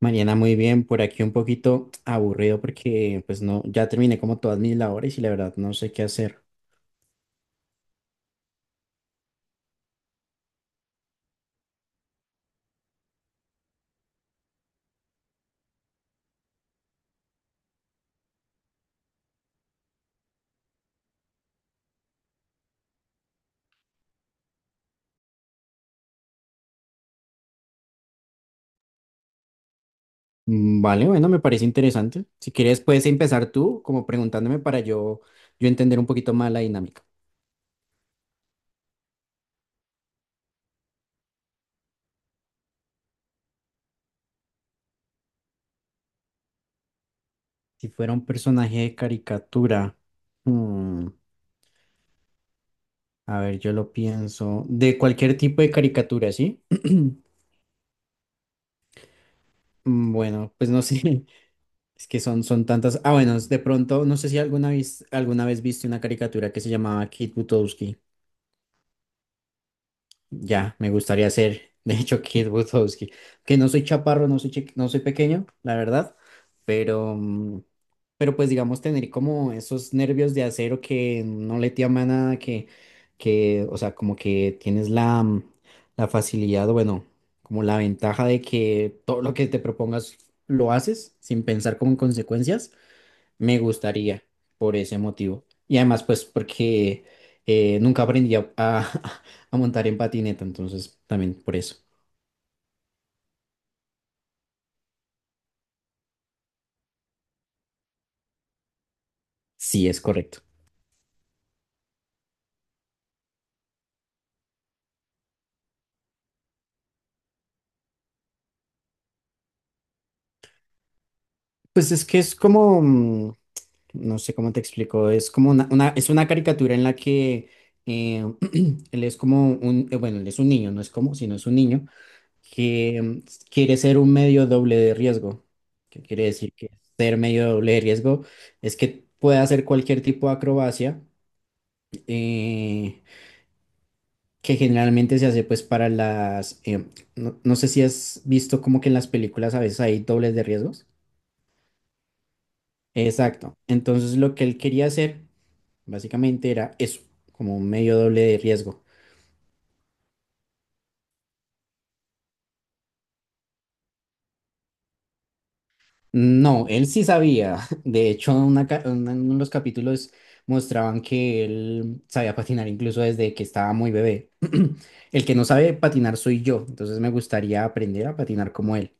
Mariana, muy bien, por aquí un poquito aburrido porque pues no, ya terminé como todas mis labores y la verdad no sé qué hacer. Vale, bueno, me parece interesante. Si quieres puedes empezar tú como preguntándome para yo entender un poquito más la dinámica. Si fuera un personaje de caricatura, mm, a ver, yo lo pienso, de cualquier tipo de caricatura, ¿sí? Bueno, pues no sé, es que son tantas. Ah, bueno, de pronto, no sé si alguna vez viste una caricatura que se llamaba Kid Butowski. Ya, me gustaría ser, de hecho, Kid Butowski. Que no soy chaparro, no soy, no soy pequeño, la verdad, pero, pero pues digamos tener como esos nervios de acero que no le tiembla nada, que, o sea, como que tienes la, la facilidad, o bueno, como la ventaja de que todo lo que te propongas lo haces sin pensar como en consecuencias. Me gustaría por ese motivo. Y además, pues porque nunca aprendí a montar en patineta, entonces también por eso. Sí, es correcto. Pues es que es como, no sé cómo te explico, es como es una caricatura en la que eh, él es como un, bueno, él es un niño, no es como, sino es un niño que quiere ser un medio doble de riesgo. ¿Qué quiere decir que ser medio doble de riesgo? Es que puede hacer cualquier tipo de acrobacia. eh, que generalmente se hace pues para las, no, no sé si has visto como que en las películas a veces hay dobles de riesgos. Exacto. Entonces lo que él quería hacer básicamente era eso, como un medio doble de riesgo. No, él sí sabía. De hecho, en uno de los capítulos mostraban que él sabía patinar incluso desde que estaba muy bebé. El que no sabe patinar soy yo, entonces me gustaría aprender a patinar como él.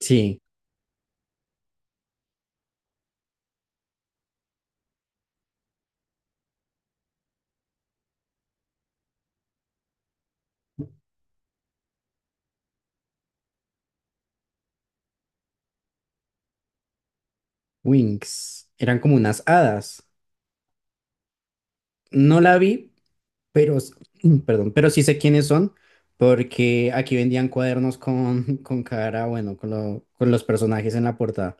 Sí, Wings. Eran como unas hadas. No la vi, pero, perdón, pero sí sé quiénes son, porque aquí vendían cuadernos con, con cara, bueno, con, con los personajes en la portada.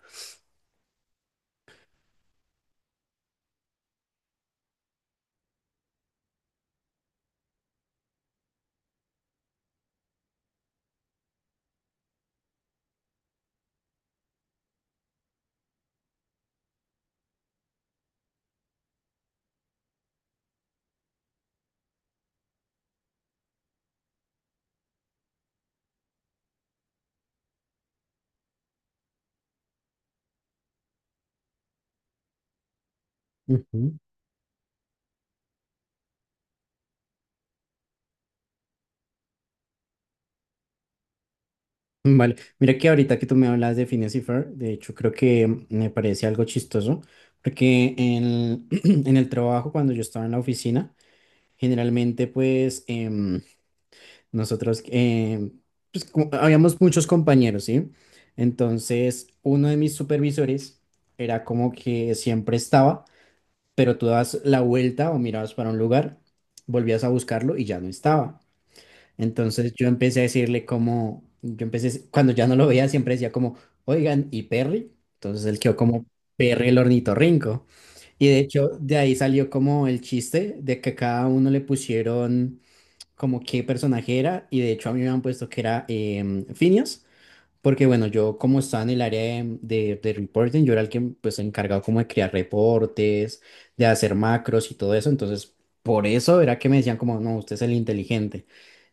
Ujú. Vale, mira que ahorita que tú me hablas de Phineas y Ferb, de hecho creo que me parece algo chistoso, porque en, en el trabajo, cuando yo estaba en la oficina, generalmente pues nosotros, pues habíamos muchos compañeros, ¿sí? Entonces, uno de mis supervisores era como que siempre estaba, pero tú dabas la vuelta o mirabas para un lugar, volvías a buscarlo y ya no estaba. Entonces yo empecé a decirle como, yo empecé, cuando ya no lo veía, siempre decía como, oigan, ¿y Perry? Entonces él quedó como Perry el ornitorrinco. Y de hecho de ahí salió como el chiste de que a cada uno le pusieron como qué personaje era y de hecho a mí me han puesto que era Finios, porque bueno, yo como estaba en el área de reporting, yo era el que pues encargado como de crear reportes, de hacer macros y todo eso, entonces por eso era que me decían como, no, usted es el inteligente.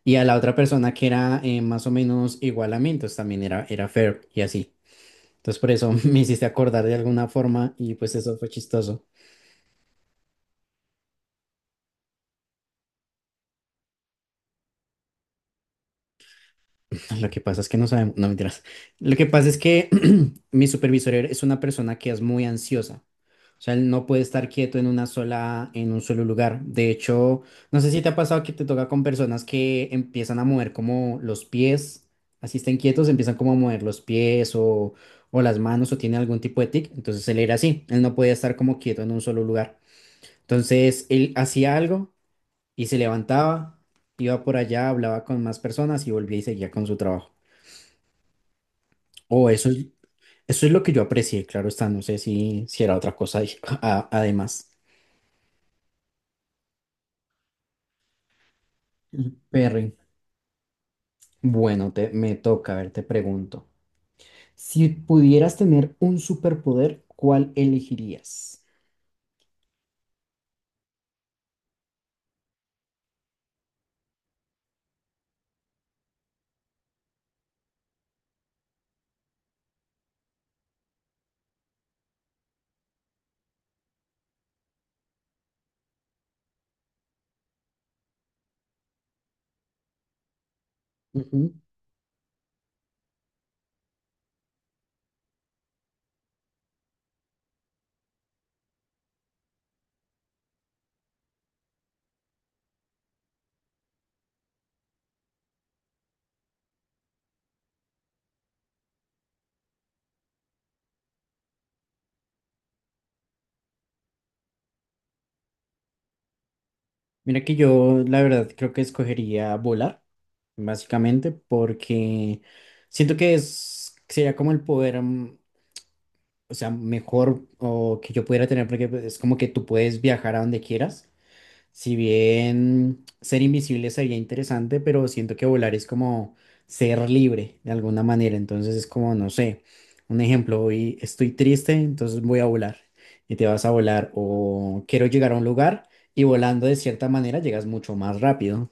Y a la otra persona que era más o menos igual a mí, entonces también era fair y así. Entonces por eso me hiciste acordar de alguna forma y pues eso fue chistoso. Lo que pasa es que no sabemos, no mentiras. Lo que pasa es que mi supervisor es una persona que es muy ansiosa. O sea, él no puede estar quieto en una sola, en un solo lugar. De hecho, no sé si te ha pasado que te toca con personas que empiezan a mover como los pies, así estén quietos, empiezan como a mover los pies o las manos o tiene algún tipo de tic. Entonces él era así, él no podía estar como quieto en un solo lugar. Entonces él hacía algo y se levantaba, iba por allá, hablaba con más personas y volvía y seguía con su trabajo. O eso es lo que yo aprecié, claro está, no sé si, si era otra cosa ahí, además. Perry, bueno, te, me toca, a ver, te pregunto. Si pudieras tener un superpoder, ¿cuál elegirías? Ujú. Mira que yo, la verdad, creo que escogería volar, básicamente, porque siento que es, sería como el poder, o sea, mejor o que yo pudiera tener, porque pues, es como que tú puedes viajar a donde quieras. Si bien ser invisible sería interesante, pero siento que volar es como ser libre de alguna manera. Entonces es como, no sé, un ejemplo, hoy estoy triste, entonces voy a volar y te vas a volar o quiero llegar a un lugar y volando de cierta manera llegas mucho más rápido.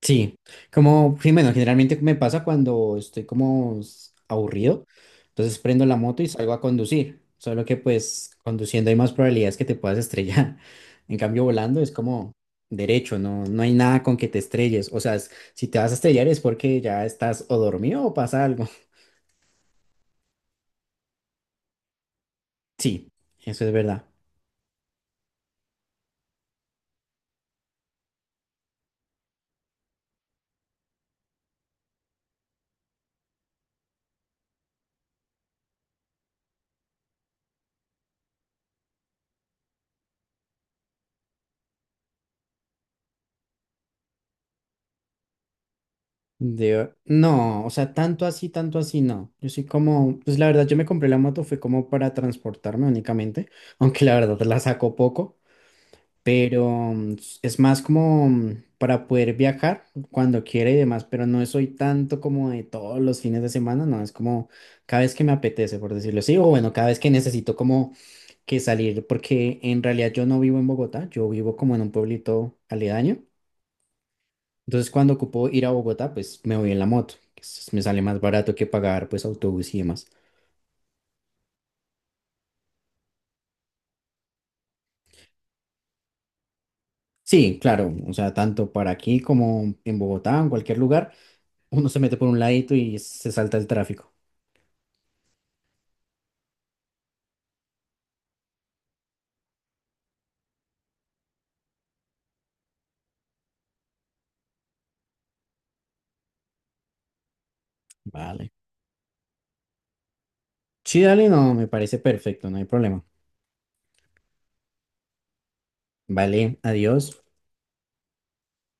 Sí, como, sí, bueno, generalmente me pasa cuando estoy como aburrido, entonces prendo la moto y salgo a conducir, solo que pues conduciendo hay más probabilidades que te puedas estrellar, en cambio volando es como derecho, no, no hay nada con que te estrelles, o sea, si te vas a estrellar es porque ya estás o dormido o pasa algo, sí, eso es verdad. No, o sea, tanto así, no. Yo soy como, pues la verdad, yo me compré la moto, fue como para transportarme únicamente, aunque la verdad la saco poco. Pero es más como para poder viajar cuando quiera y demás, pero no soy tanto como de todos los fines de semana, no, es como cada vez que me apetece, por decirlo así, o bueno, cada vez que necesito como que salir, porque en realidad yo no vivo en Bogotá, yo vivo como en un pueblito aledaño, entonces cuando ocupo ir a Bogotá, pues me voy en la moto, me sale más barato que pagar pues autobús y demás. Sí, claro, o sea, tanto para aquí como en Bogotá, en cualquier lugar, uno se mete por un ladito y se salta el tráfico. Vale. Sí, dale, no, me parece perfecto, no hay problema. Vale, adiós.